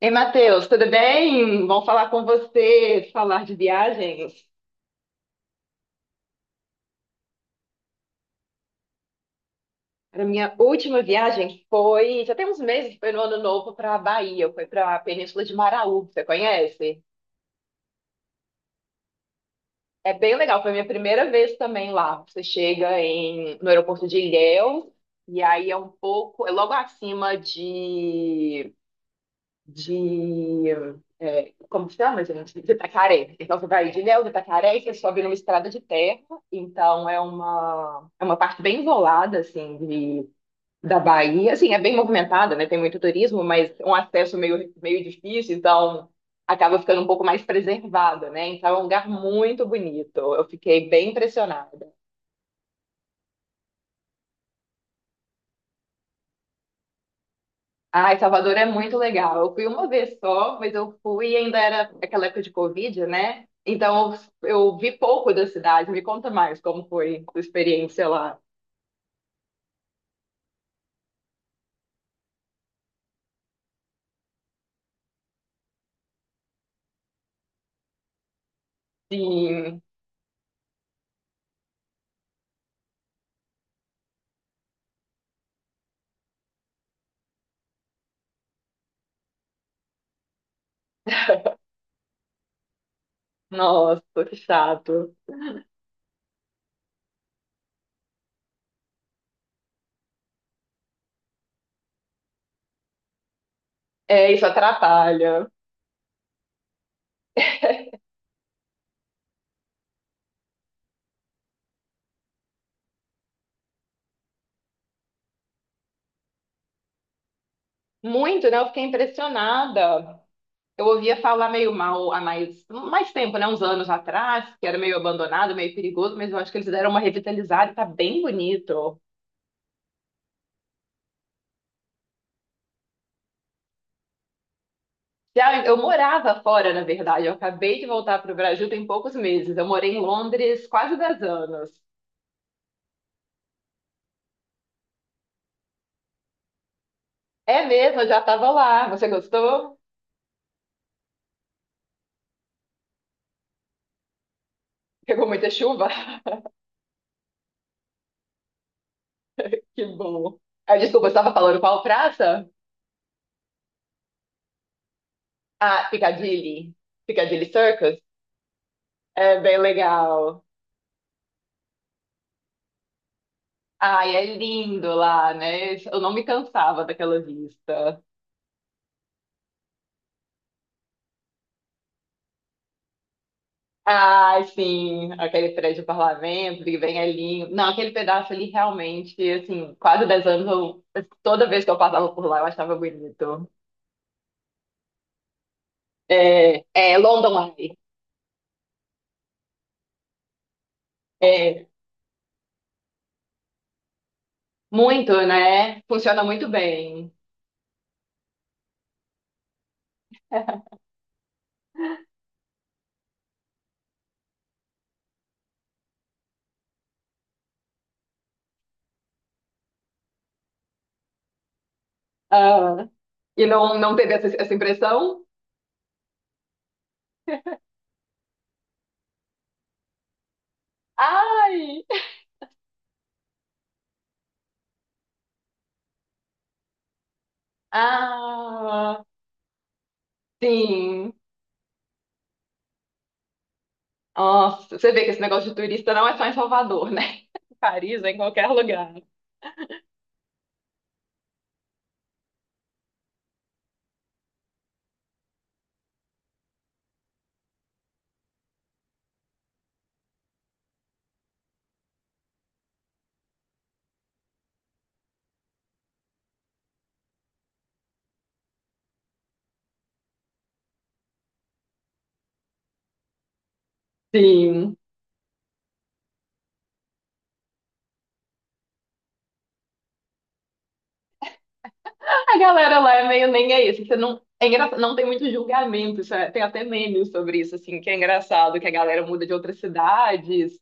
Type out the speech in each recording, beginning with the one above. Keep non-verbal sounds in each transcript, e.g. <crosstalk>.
Ei, Matheus, tudo bem? Bom falar com você, falar de viagens. A minha última viagem foi, já tem uns meses, foi no Ano Novo para a Bahia, foi para a Península de Maraú, você conhece? É bem legal, foi a minha primeira vez também lá. Você chega no aeroporto de Ilhéus, e aí é um pouco, é logo acima de, é, como chama, gente? De Itacaré. Então, você vai de Ilhéus de Itacaré e você sobe numa estrada de terra. Então, é uma parte bem isolada, assim, de, da Bahia. Assim, é bem movimentada, né? Tem muito turismo, mas um acesso meio difícil, então acaba ficando um pouco mais preservada, né? Então, é um lugar muito bonito. Eu fiquei bem impressionada. Ai, Salvador é muito legal. Eu fui uma vez só, mas eu fui e ainda era aquela época de Covid, né? Então eu, eu vi pouco da cidade. Me conta mais como foi a experiência lá. Sim, nossa, que chato. É, isso atrapalha. Muito, né? Eu fiquei impressionada. Eu ouvia falar meio mal há mais tempo, né? Uns anos atrás, que era meio abandonado, meio perigoso, mas eu acho que eles deram uma revitalizada e tá bem bonito. Já eu morava fora, na verdade. Eu acabei de voltar para o Brasil tem poucos meses. Eu morei em Londres quase 10 anos. É mesmo, eu já estava lá. Você gostou? Pegou muita chuva? <laughs> Que bom. Ah, desculpa, eu estava falando qual praça? Ah, Piccadilly. Piccadilly Circus? É bem legal. Ai, é lindo lá, né? Eu não me cansava daquela vista. Ai, sim, aquele prédio do parlamento que vem ali. Não, aquele pedaço ali realmente, assim, quase 10 anos, toda vez que eu passava por lá, eu achava bonito. É, é London Eye. É, muito, né? Funciona muito bem. Ah, e não, não teve essa impressão? Ai! Ah, sim. Nossa, você vê que esse negócio de turista não é só em Salvador, né? <laughs> Em Paris, é em qualquer lugar. Sim. A galera lá é meio nem é isso. Você não, é não tem muito julgamento. Tem até memes sobre isso, assim, que é engraçado, que a galera muda de outras cidades,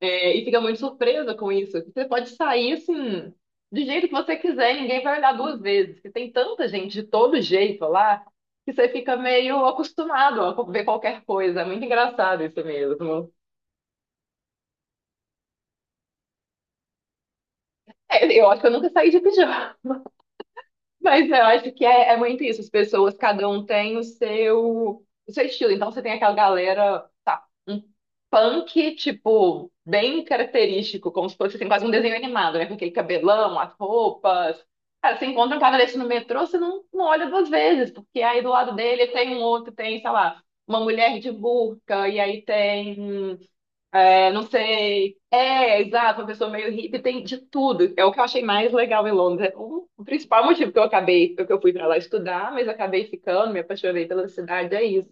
é, e fica muito surpresa com isso. Você pode sair, assim, do jeito que você quiser, ninguém vai olhar duas vezes. Porque tem tanta gente de todo jeito lá, que você fica meio acostumado a ver qualquer coisa. É muito engraçado isso mesmo. É, eu acho que eu nunca saí de pijama. Mas eu acho que é muito isso. As pessoas, cada um tem o seu estilo. Então você tem aquela galera, tá, um punk, tipo, bem característico, como se fosse assim, quase um desenho animado, né? Com aquele cabelão, as roupas. Cara, você encontra um cara desse no metrô, você não, não olha duas vezes, porque aí do lado dele tem um outro, tem, sei lá, uma mulher de burca, e aí tem. É, não sei. É, exato, uma pessoa meio hippie tem de tudo. É o que eu achei mais legal em Londres. É o principal motivo que eu fui para lá estudar, mas acabei ficando, me apaixonei pela cidade, é isso.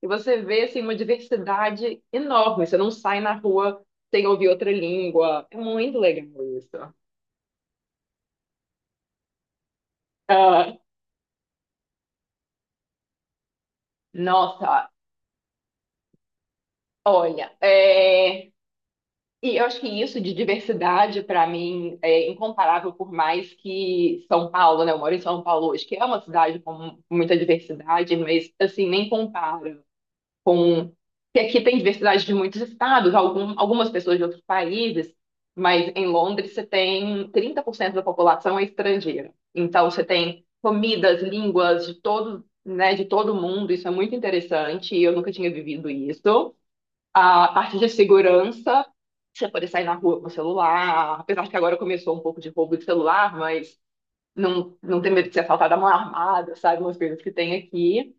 E você vê assim uma diversidade enorme. Você não sai na rua sem ouvir outra língua. É muito legal isso. Ah, nossa, olha, é, e eu acho que isso de diversidade, para mim, é incomparável, por mais que São Paulo, né? Eu moro em São Paulo hoje, que é uma cidade com muita diversidade, mas, assim, nem compara com... que aqui tem diversidade de muitos estados, algumas pessoas de outros países, mas em Londres você tem 30% da população é estrangeira. Então, você tem comidas, línguas de todo, né, de todo mundo, isso é muito interessante, e eu nunca tinha vivido isso. A parte de segurança, você poder sair na rua com o celular, apesar que agora começou um pouco de roubo de celular, mas não, não ter medo de ser assaltado à mão armada, sabe? Umas coisas que tem aqui.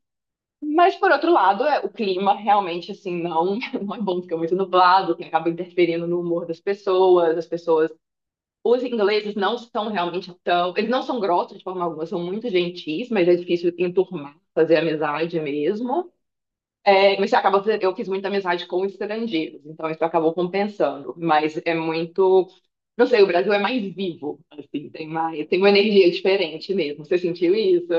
Mas, por outro lado, é, o clima realmente, assim, não, <laughs> não é bom, fica muito nublado, que acaba interferindo no humor das pessoas, as pessoas... Os ingleses não são realmente tão... Eles não são grossos de forma alguma, são muito gentis, mas é difícil enturmar, fazer amizade mesmo. É, você acaba, eu fiz muita amizade com estrangeiros, então isso acabou compensando. Mas é muito, não sei, o Brasil é mais vivo, assim, tem mais, tem uma energia diferente mesmo. Você sentiu isso?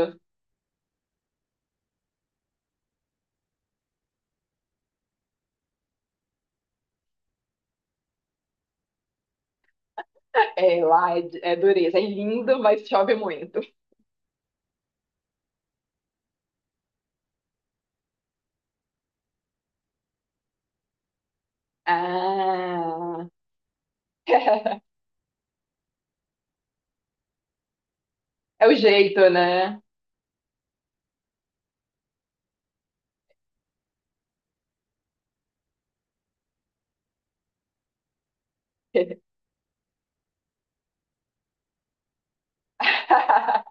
É, lá é dureza, é lindo, mas chove muito. Ah, <laughs> é o jeito, né? <laughs>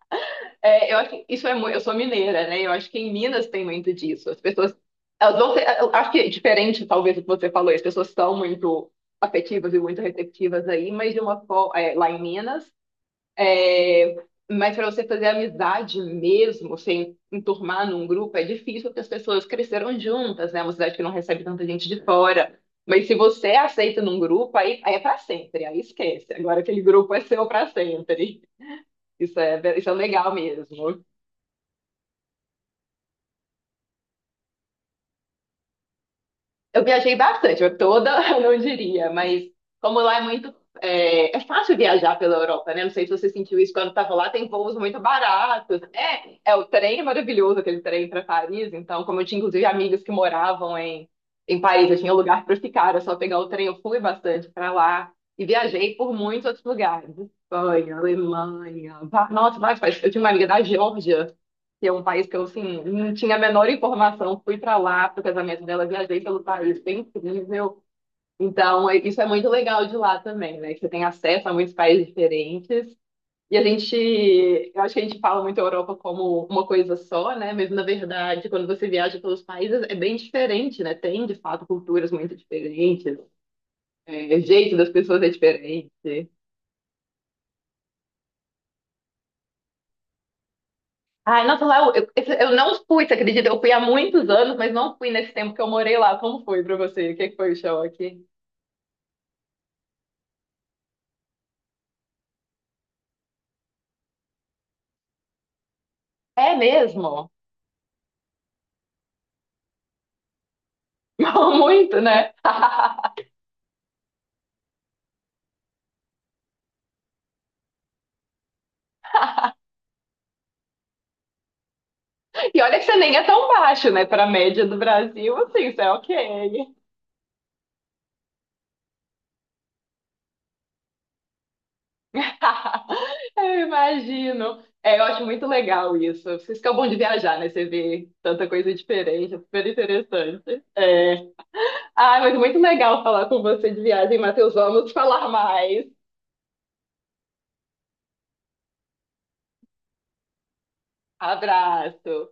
É, eu acho que isso é muito, eu sou mineira, né? Eu acho que em Minas tem muito disso. As pessoas, elas vão ser, eu acho que é diferente, talvez, do que você falou, as pessoas são muito afetivas e muito receptivas aí, mas de uma forma, lá em Minas, é, mas para você fazer amizade mesmo, sem enturmar num grupo, é difícil, porque as pessoas cresceram juntas, né? É uma cidade que não recebe tanta gente de fora. Mas se você aceita num grupo, aí é para sempre, aí esquece. Agora aquele grupo é seu para sempre. Isso é legal mesmo. Eu viajei bastante, eu toda <laughs> eu não diria, mas como lá é muito. É, é fácil viajar pela Europa, né? Não sei se você sentiu isso quando estava lá, tem voos muito baratos. É, é o trem é maravilhoso, aquele trem para Paris. Então, como eu tinha inclusive amigos que moravam em Paris, eu tinha um lugar para ficar, era só pegar o trem, eu fui bastante para lá e viajei por muitos outros lugares. Espanha, Alemanha, nossa, vai, eu tinha uma amiga da Geórgia que é um país que eu, assim, não tinha a menor informação. Fui para lá pro casamento dela, viajei pelo país, foi incrível. Então, isso é muito legal de lá também, né? Que você tem acesso a muitos países diferentes. E a gente, eu acho que a gente fala muito a Europa como uma coisa só, né? Mas, na verdade, quando você viaja pelos países, é bem diferente, né? Tem, de fato, culturas muito diferentes, é, o jeito das pessoas é diferente. Ai, nossa, lá eu não fui, você acredita? Eu fui há muitos anos, mas não fui nesse tempo que eu morei lá. Como foi pra você? O que que foi o choque? É mesmo? <laughs> Muito, né? <laughs> E olha que você nem é tão baixo, né? Para a média do Brasil, assim, você é ok. <laughs> Eu imagino. É, eu acho muito legal isso. Vocês ficam bom de viajar, né? Você vê tanta coisa diferente, é super interessante. É. Ah, mas muito legal falar com você de viagem, Matheus. Vamos falar mais. Abraço.